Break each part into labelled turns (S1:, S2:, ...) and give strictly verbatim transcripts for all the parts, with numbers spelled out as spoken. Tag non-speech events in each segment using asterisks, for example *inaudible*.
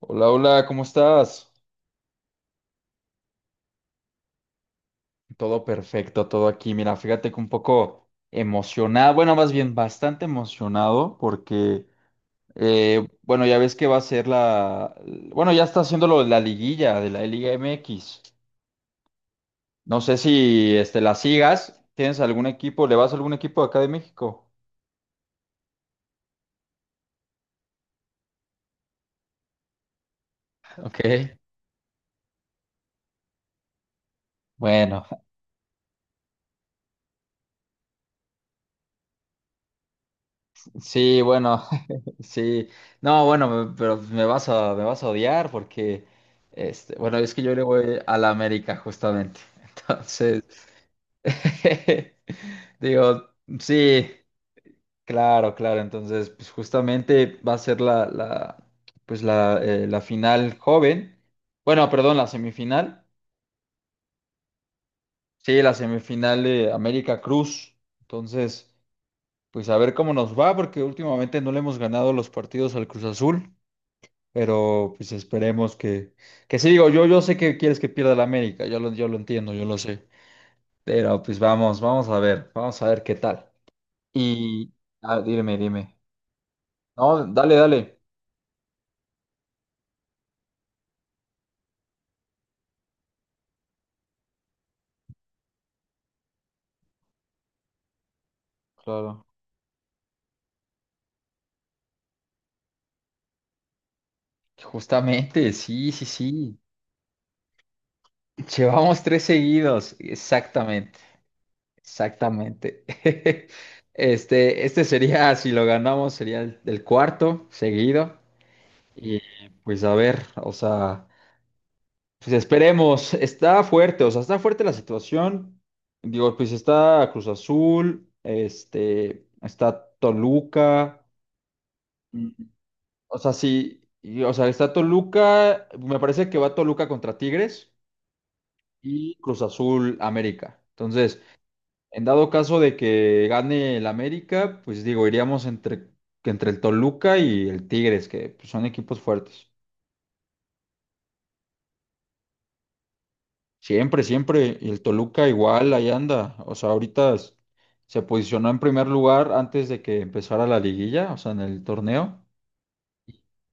S1: Hola, hola, ¿cómo estás? Todo perfecto, todo aquí. Mira, fíjate que un poco emocionado, bueno, más bien bastante emocionado porque, eh, bueno, ya ves que va a ser la, bueno, ya está haciendo lo de la liguilla de la Liga M X. No sé si este, la sigas, ¿tienes algún equipo? ¿Le vas a algún equipo de acá de México? Ok. Bueno, *laughs* sí, bueno, sí, no, bueno, me- pero me vas a, me vas a odiar porque, este, bueno, es que yo le voy a la América justamente. Entonces, *laughs* digo, sí, claro, claro. Entonces, pues justamente va a ser la, la, pues la, eh, la final joven. Bueno, perdón, la semifinal. Sí, la semifinal de América Cruz. Entonces, pues a ver cómo nos va porque últimamente no le hemos ganado los partidos al Cruz Azul. Pero pues esperemos que, que sí, digo, yo, yo sé que quieres que pierda la América, yo lo, yo lo entiendo, yo lo sé. Pero pues vamos, vamos a ver, vamos a ver qué tal. Y ah, dime, dime. No, dale, dale. Claro. Justamente, sí, sí, sí. Llevamos tres seguidos. Exactamente, exactamente. *laughs* Este, este sería, si lo ganamos, sería el, el cuarto seguido. Y pues a ver, o sea. Pues esperemos, está fuerte, o sea, está fuerte la situación. Digo, pues está Cruz Azul, este, está Toluca, mm, o sea, sí, y, o sea, está Toluca, me parece que va Toluca contra Tigres y Cruz Azul América. Entonces, en dado caso de que gane el América, pues digo, iríamos entre, que entre el Toluca y el Tigres, que pues, son equipos fuertes. Siempre, siempre. Y el Toluca igual, ahí anda. O sea, ahorita s- se posicionó en primer lugar antes de que empezara la liguilla, o sea, en el torneo.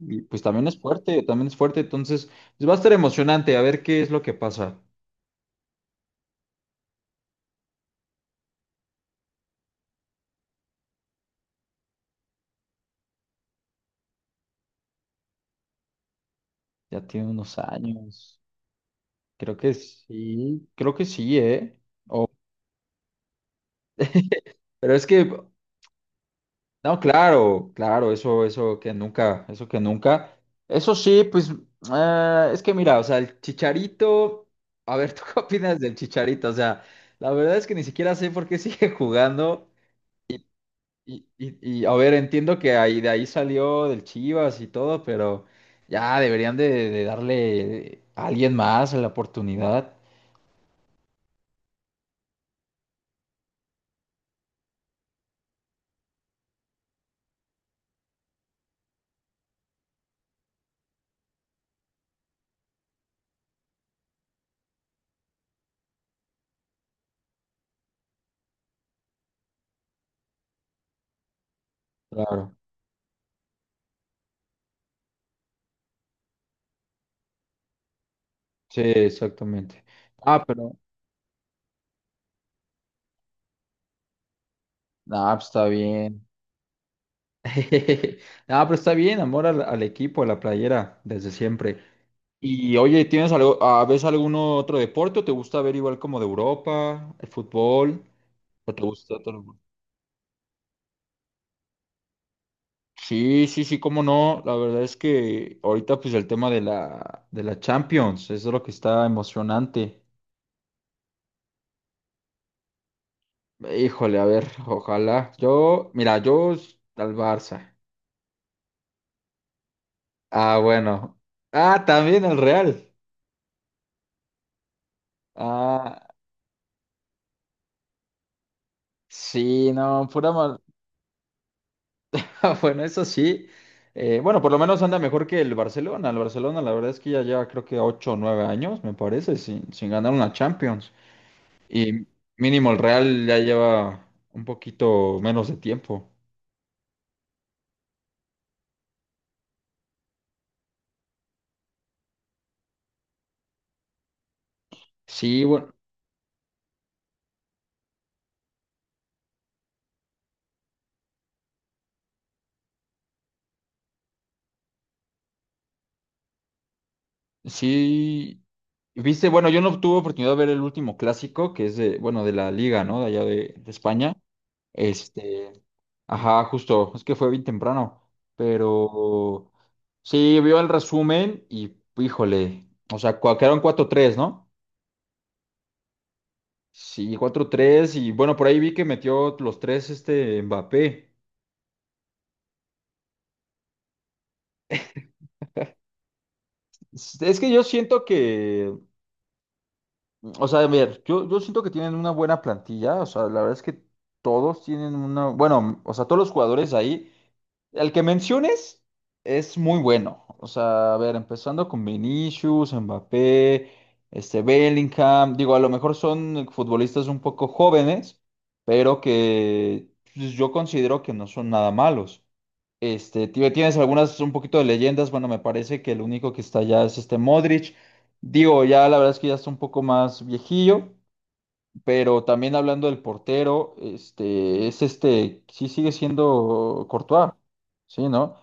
S1: Y pues también es fuerte, también es fuerte. Entonces, pues, va a estar emocionante a ver qué es lo que pasa. Ya tiene unos años. Creo que sí, creo que sí, ¿eh? Pero es que no, claro, claro, eso, eso que nunca, eso que nunca. Eso sí, pues, eh, es que mira, o sea, el Chicharito, a ver, *laughs* ¿tú qué opinas del Chicharito? O sea, la verdad es que ni siquiera sé por qué *laughs* sigue jugando. Y, y, y, a ver, entiendo que ahí, de ahí salió del Chivas y todo, pero ya deberían de, de darle a alguien más la oportunidad. Claro, sí, exactamente. Ah, pero, ah, pues está bien. *laughs* Ah, pero está bien, amor al, al equipo, a la playera, desde siempre. Y oye, ¿tienes algo, ah, ves algún otro deporte o te gusta ver igual como de Europa, el fútbol? ¿O te gusta otro? Sí, sí, sí, cómo no. La verdad es que ahorita pues el tema de la, de la Champions, eso es lo que está emocionante. Híjole, a ver, ojalá. Yo, mira, yo s- al Barça. Ah, bueno. Ah, también al Real. Ah, sí, no, pura mal. Ah, bueno, eso sí. Eh, bueno, por lo menos anda mejor que el Barcelona. El Barcelona, la verdad es que ya lleva creo que ocho, o nueve años, me parece, sin, sin ganar una Champions. Y mínimo el Real ya lleva un poquito menos de tiempo. Sí, bueno, sí. Viste, bueno, yo no tuve oportunidad de ver el último clásico, que es de, bueno, de la Liga, ¿no? De allá de, de España. Este, ajá, justo, es que fue bien temprano, pero sí, vio el resumen y, híjole, o sea, cua- quedaron cuatro tres, ¿no? Sí, cuatro tres y bueno, por ahí vi que metió los tres este Mbappé. Es es que yo siento que O sea, a ver, yo, yo siento que tienen una buena plantilla, o sea, la verdad es que todos tienen una, bueno, o sea, todos los jugadores ahí, el que menciones es muy bueno, o sea, a ver, empezando con Vinicius, Mbappé, este Bellingham, digo, a lo mejor son futbolistas un poco jóvenes, pero que pues, yo considero que no son nada malos. Este, tie- tienes algunas un poquito de leyendas. Bueno, me parece que el único que está allá es este Modric. Digo, ya la verdad es que ya está un poco más viejillo, pero también hablando del portero, este, es este, sí sigue siendo Courtois, sí, ¿no?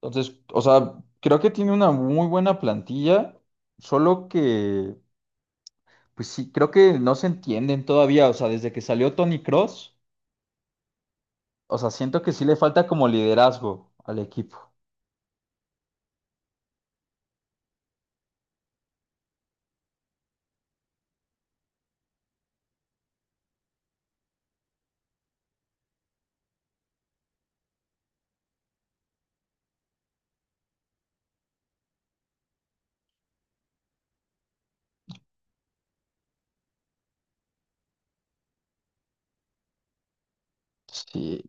S1: Entonces, o sea, creo que tiene una muy buena plantilla, solo que, pues sí, creo que no se entienden todavía, o sea, desde que salió Tony Cross, o sea, siento que sí le falta como liderazgo al equipo. Sí,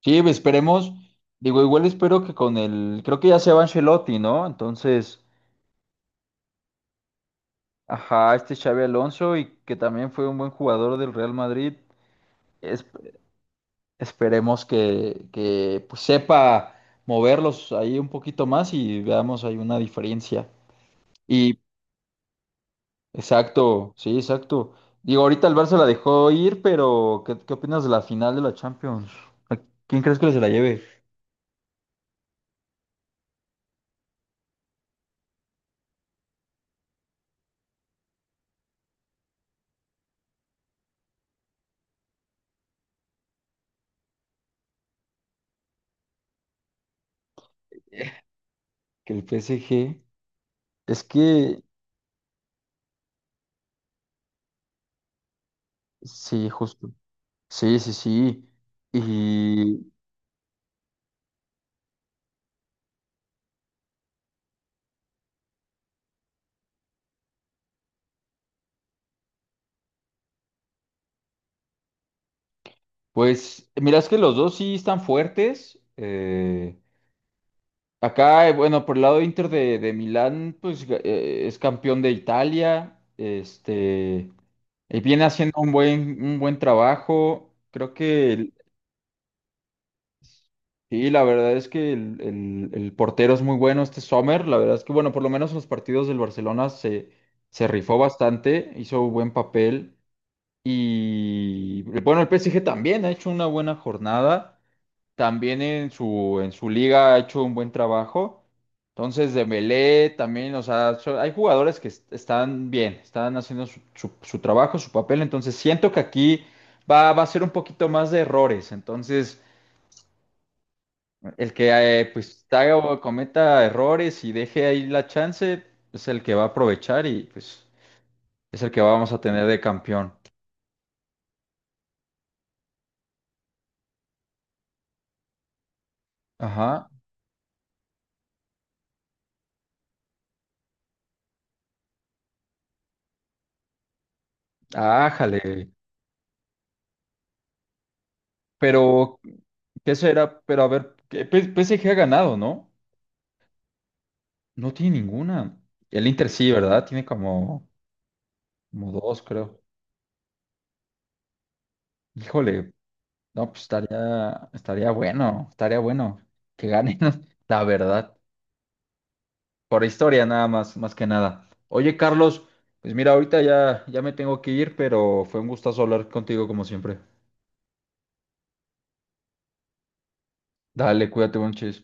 S1: sí, esperemos, digo, igual espero que con el, creo que ya se va Ancelotti, ¿no? Entonces... Ajá, este Xavi Alonso y que también fue un buen jugador del Real Madrid. Es- esperemos que, que, pues, sepa moverlos ahí un poquito más y veamos hay una diferencia. Y exacto, sí, exacto. Digo, ahorita el Barça la dejó ir, pero ¿qué, qué opinas de la final de la Champions? ¿A quién crees que se la lleve? Que el P S G. Es que, sí, justo. Sí, sí, sí. Pues mira, es que los dos sí están fuertes. eh, acá, eh, bueno, por el lado de Inter de, de Milán, pues ga- eh, es campeón de Italia. Este, eh, viene haciendo un buen, un buen trabajo. Creo que el- sí, la verdad es que el, el- el portero es muy bueno, este Sommer. La verdad es que, bueno, por lo menos en los partidos del Barcelona se, se rifó bastante, hizo un buen papel. Y bueno, el P S G también ha hecho una buena jornada, también en su, en su liga ha hecho un buen trabajo. Entonces, Dembélé también, o sea, so- hay jugadores que est- están bien, están haciendo su, su- su trabajo, su papel. Entonces, siento que aquí va, va a ser un poquito más de errores. Entonces, el que eh, pues haga o cometa errores y deje ahí la chance es el que va a aprovechar y pues es el que vamos a tener de campeón. Ajá. Ájale. Pero, ¿qué será? Pero a ver, que P- PSG ha ganado, ¿no? No tiene ninguna. El Inter sí, ¿verdad? Tiene como, como dos, creo. Híjole, no, pues estaría, estaría bueno, estaría bueno que ganen, *laughs* la verdad. Por historia nada más, más que nada. Oye, Carlos, pues mira, ahorita ya, ya me tengo que ir, pero fue un gustazo hablar contigo como siempre. Dale, cuídate, buen chis.